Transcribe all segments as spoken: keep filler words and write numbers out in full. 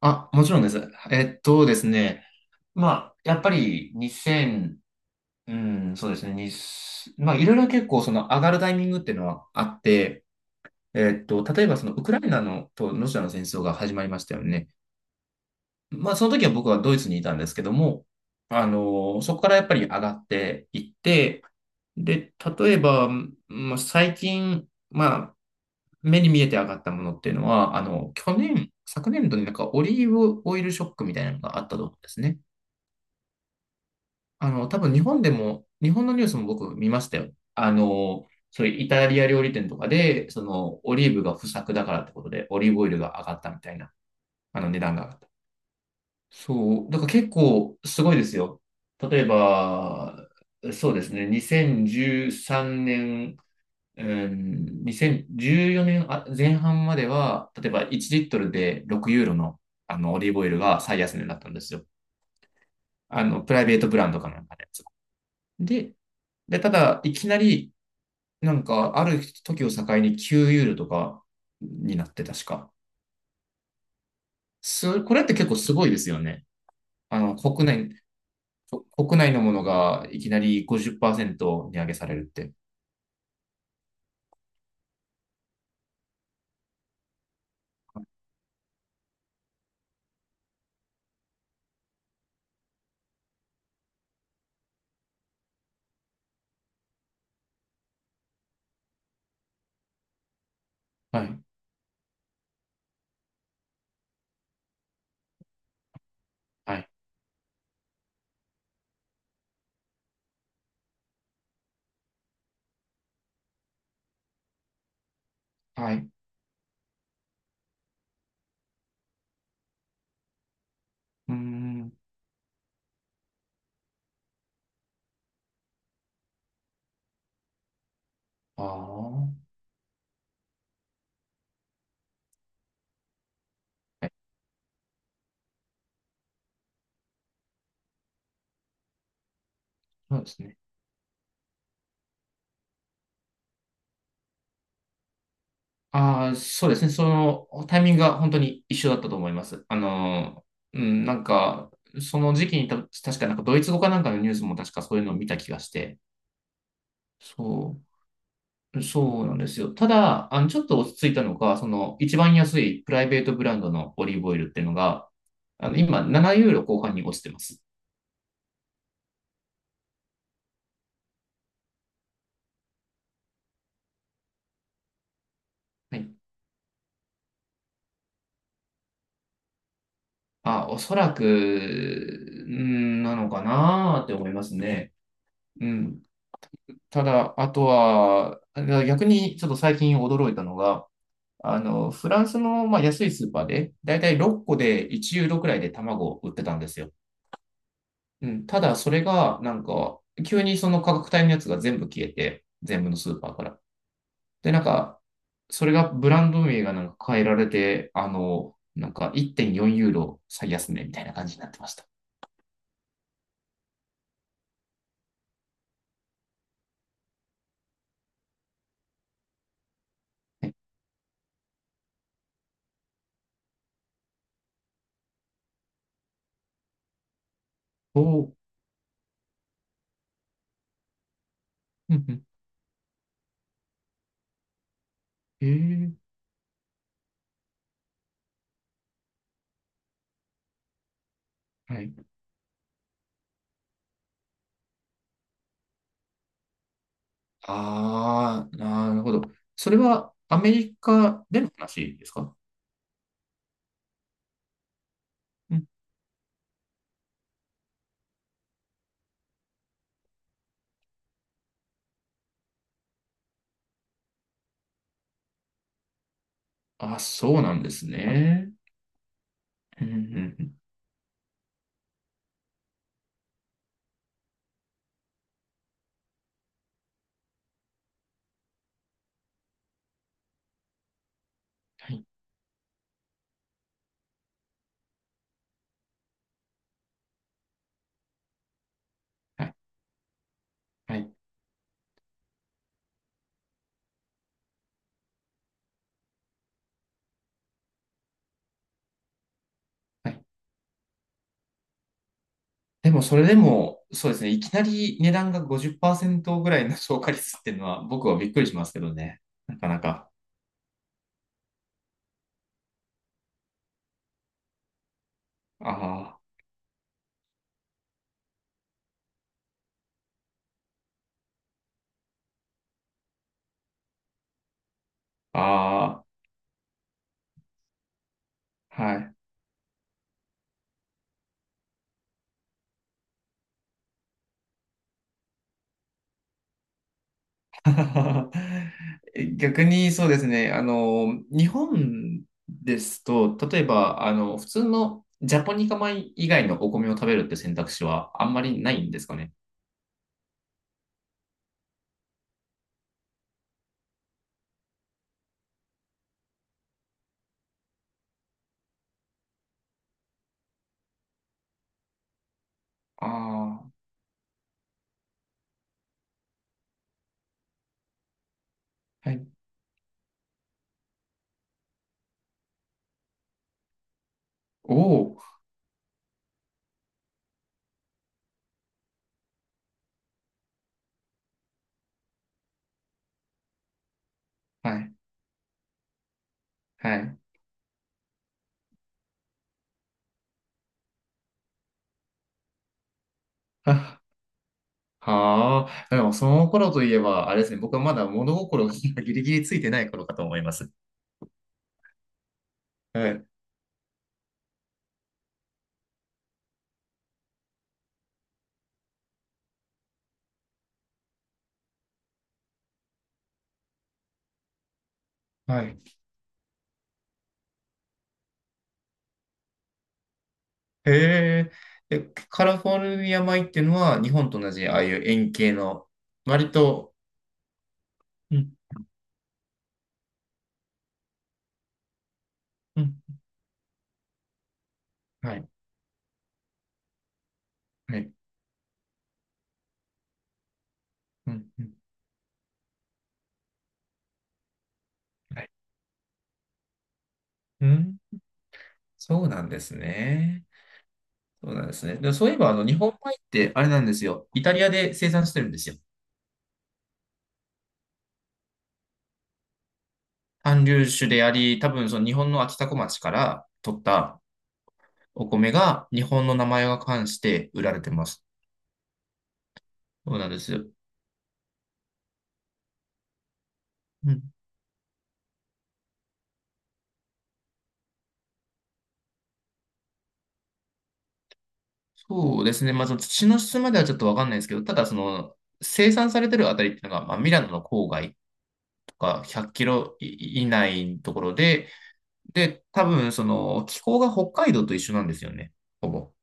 あ、もちろんです。えっとですね。まあ、やっぱりにせん、うん、そうですね。にまあ、いろいろ結構その上がるタイミングっていうのはあって、えっと、例えばそのウクライナのとロシアの戦争が始まりましたよね。まあ、その時は僕はドイツにいたんですけども、あの、そこからやっぱり上がっていって、で、例えば、まあ、最近、まあ、目に見えて上がったものっていうのは、あの、去年、昨年度になんかオリーブオイルショックみたいなのがあったと思うんですね。あの、多分日本でも、日本のニュースも僕見ましたよ。あの、そういうイタリア料理店とかで、その、オリーブが不作だからってことで、オリーブオイルが上がったみたいな、あの、値段が上がった。そう、だから結構すごいですよ。例えば、そうですね、にせんじゅうさんねん、うん、にせんじゅうよねんあ前半までは、例えばいちリットルでろくユーロの、あのオリーブオイルが最安値だったんですよ。あの、プライベートブランドかなんかで。で、で、ただ、いきなり、なんか、ある時を境にきゅうユーロとかになって、確か。す、これって結構すごいですよね。あの、国内、国内のものがいきなりごじゅっぱーせんと値上げされるって。はい、はい、はい。うーん、ああ、はい、そうですね。ああ、そうですね。その、タイミングが本当に一緒だったと思います。あの、うん、なんか、その時期にた、確かなんかドイツ語かなんかのニュースも確かそういうのを見た気がして、そう。そうなんですよ。ただ、あの、ちょっと落ち着いたのが、その、一番安いプライベートブランドのオリーブオイルっていうのが、あの、今、ななユーロ後半に落ちてます。はい。あ、おそらく、んーなのかなーって思いますね。うん。ただ、あとは、逆にちょっと最近驚いたのが、あの、フランスの、まあ、安いスーパーで、だいたいろっこでいちユーロくらいで卵を売ってたんですよ。うん、ただ、それが、なんか、急にその価格帯のやつが全部消えて、全部のスーパーから。で、なんか、それがブランド名がなんか変えられて、あの、なんかいってんよんユーロ最安値みたいな感じになってました。ねおお、うんうんへーはい。ああ、なるほど。それはアメリカでの話ですか？うん。あ、そうなんですね。うんうんうん。はい、はい、はい。はい。でもそれでも、そうですね、いきなり値段がごじゅっぱーせんとぐらいの 消化率っていうのは僕はびっくりしますけどね。なかなか。ああ、ああ、はい。逆にそうですね、あの、日本ですと、例えば、あの、普通のジャポニカ米以外のお米を食べるって選択肢はあんまりないんですかね。ああ、はい。おお、はい、はい。はあ、でもその頃といえば、あれですね、僕はまだ物心が ギリギリついてない頃かと思います。はい。はい。へえ。え、カリフォルニア米っていうのは、日本と同じ、ああいう円形の、割と、うん、うん、はい、はい、うん、うん、はい。うん、そうなんですね。そうなんですね。で、そういえば、あの、日本米って、あれなんですよ。イタリアで生産してるんですよ。韓流種であり、多分、その日本の秋田小町から取った、お米が日本の名前が冠して売られてます。そうなんですよ。うん。そうですね。まあ、その土の質まではちょっとわかんないですけど、ただその生産されてるあたりっていうのが、まあ、ミラノの郊外とかひゃっきろ以内のところで、で、多分その気候が北海道と一緒なんですよね。ほぼ。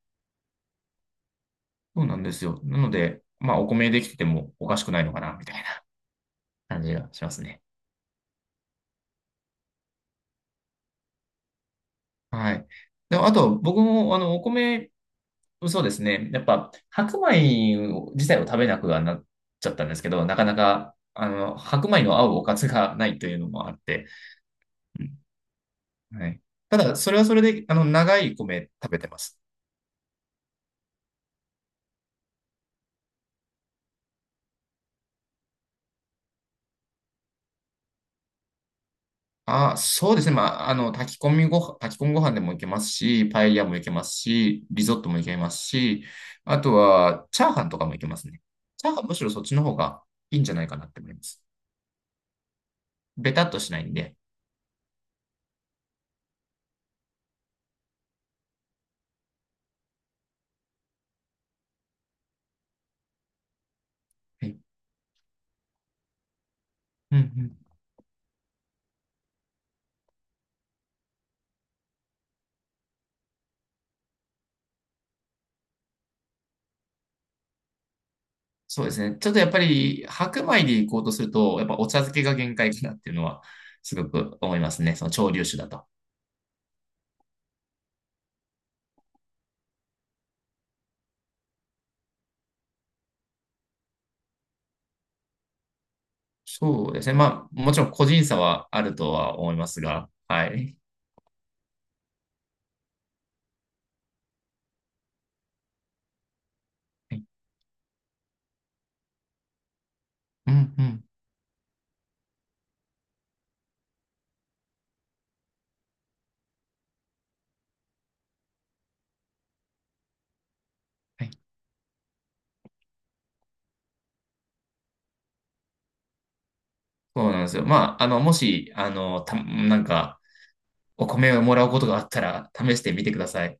そうなんですよ。なので、まあお米できててもおかしくないのかな、みたいな感じがしますね。はい。で、あと僕もあのお米そうですね。やっぱ、白米を自体を食べなくはなっちゃったんですけど、なかなか、あの、白米の合うおかずがないというのもあって、うんはい。ただ、それはそれで、あの、長い米食べてます。あ、そうですね。まあ、あの、炊き込みご飯、炊き込みご飯でもいけますし、パエリアもいけますし、リゾットもいけますし、あとは、チャーハンとかもいけますね。チャーハンむしろそっちの方がいいんじゃないかなって思います。ベタっとしないんで。はいうんうんそうですね。ちょっとやっぱり白米で行こうとすると、やっぱお茶漬けが限界かなっていうのはすごく思いますね。その潮流酒だと。そうですね。まあ、もちろん個人差はあるとは思いますが、はい。はい、うん、うん。はい。そうなんですよ。まあ、あの、もし、あの、た、なんか、お米をもらうことがあったら、試してみてください。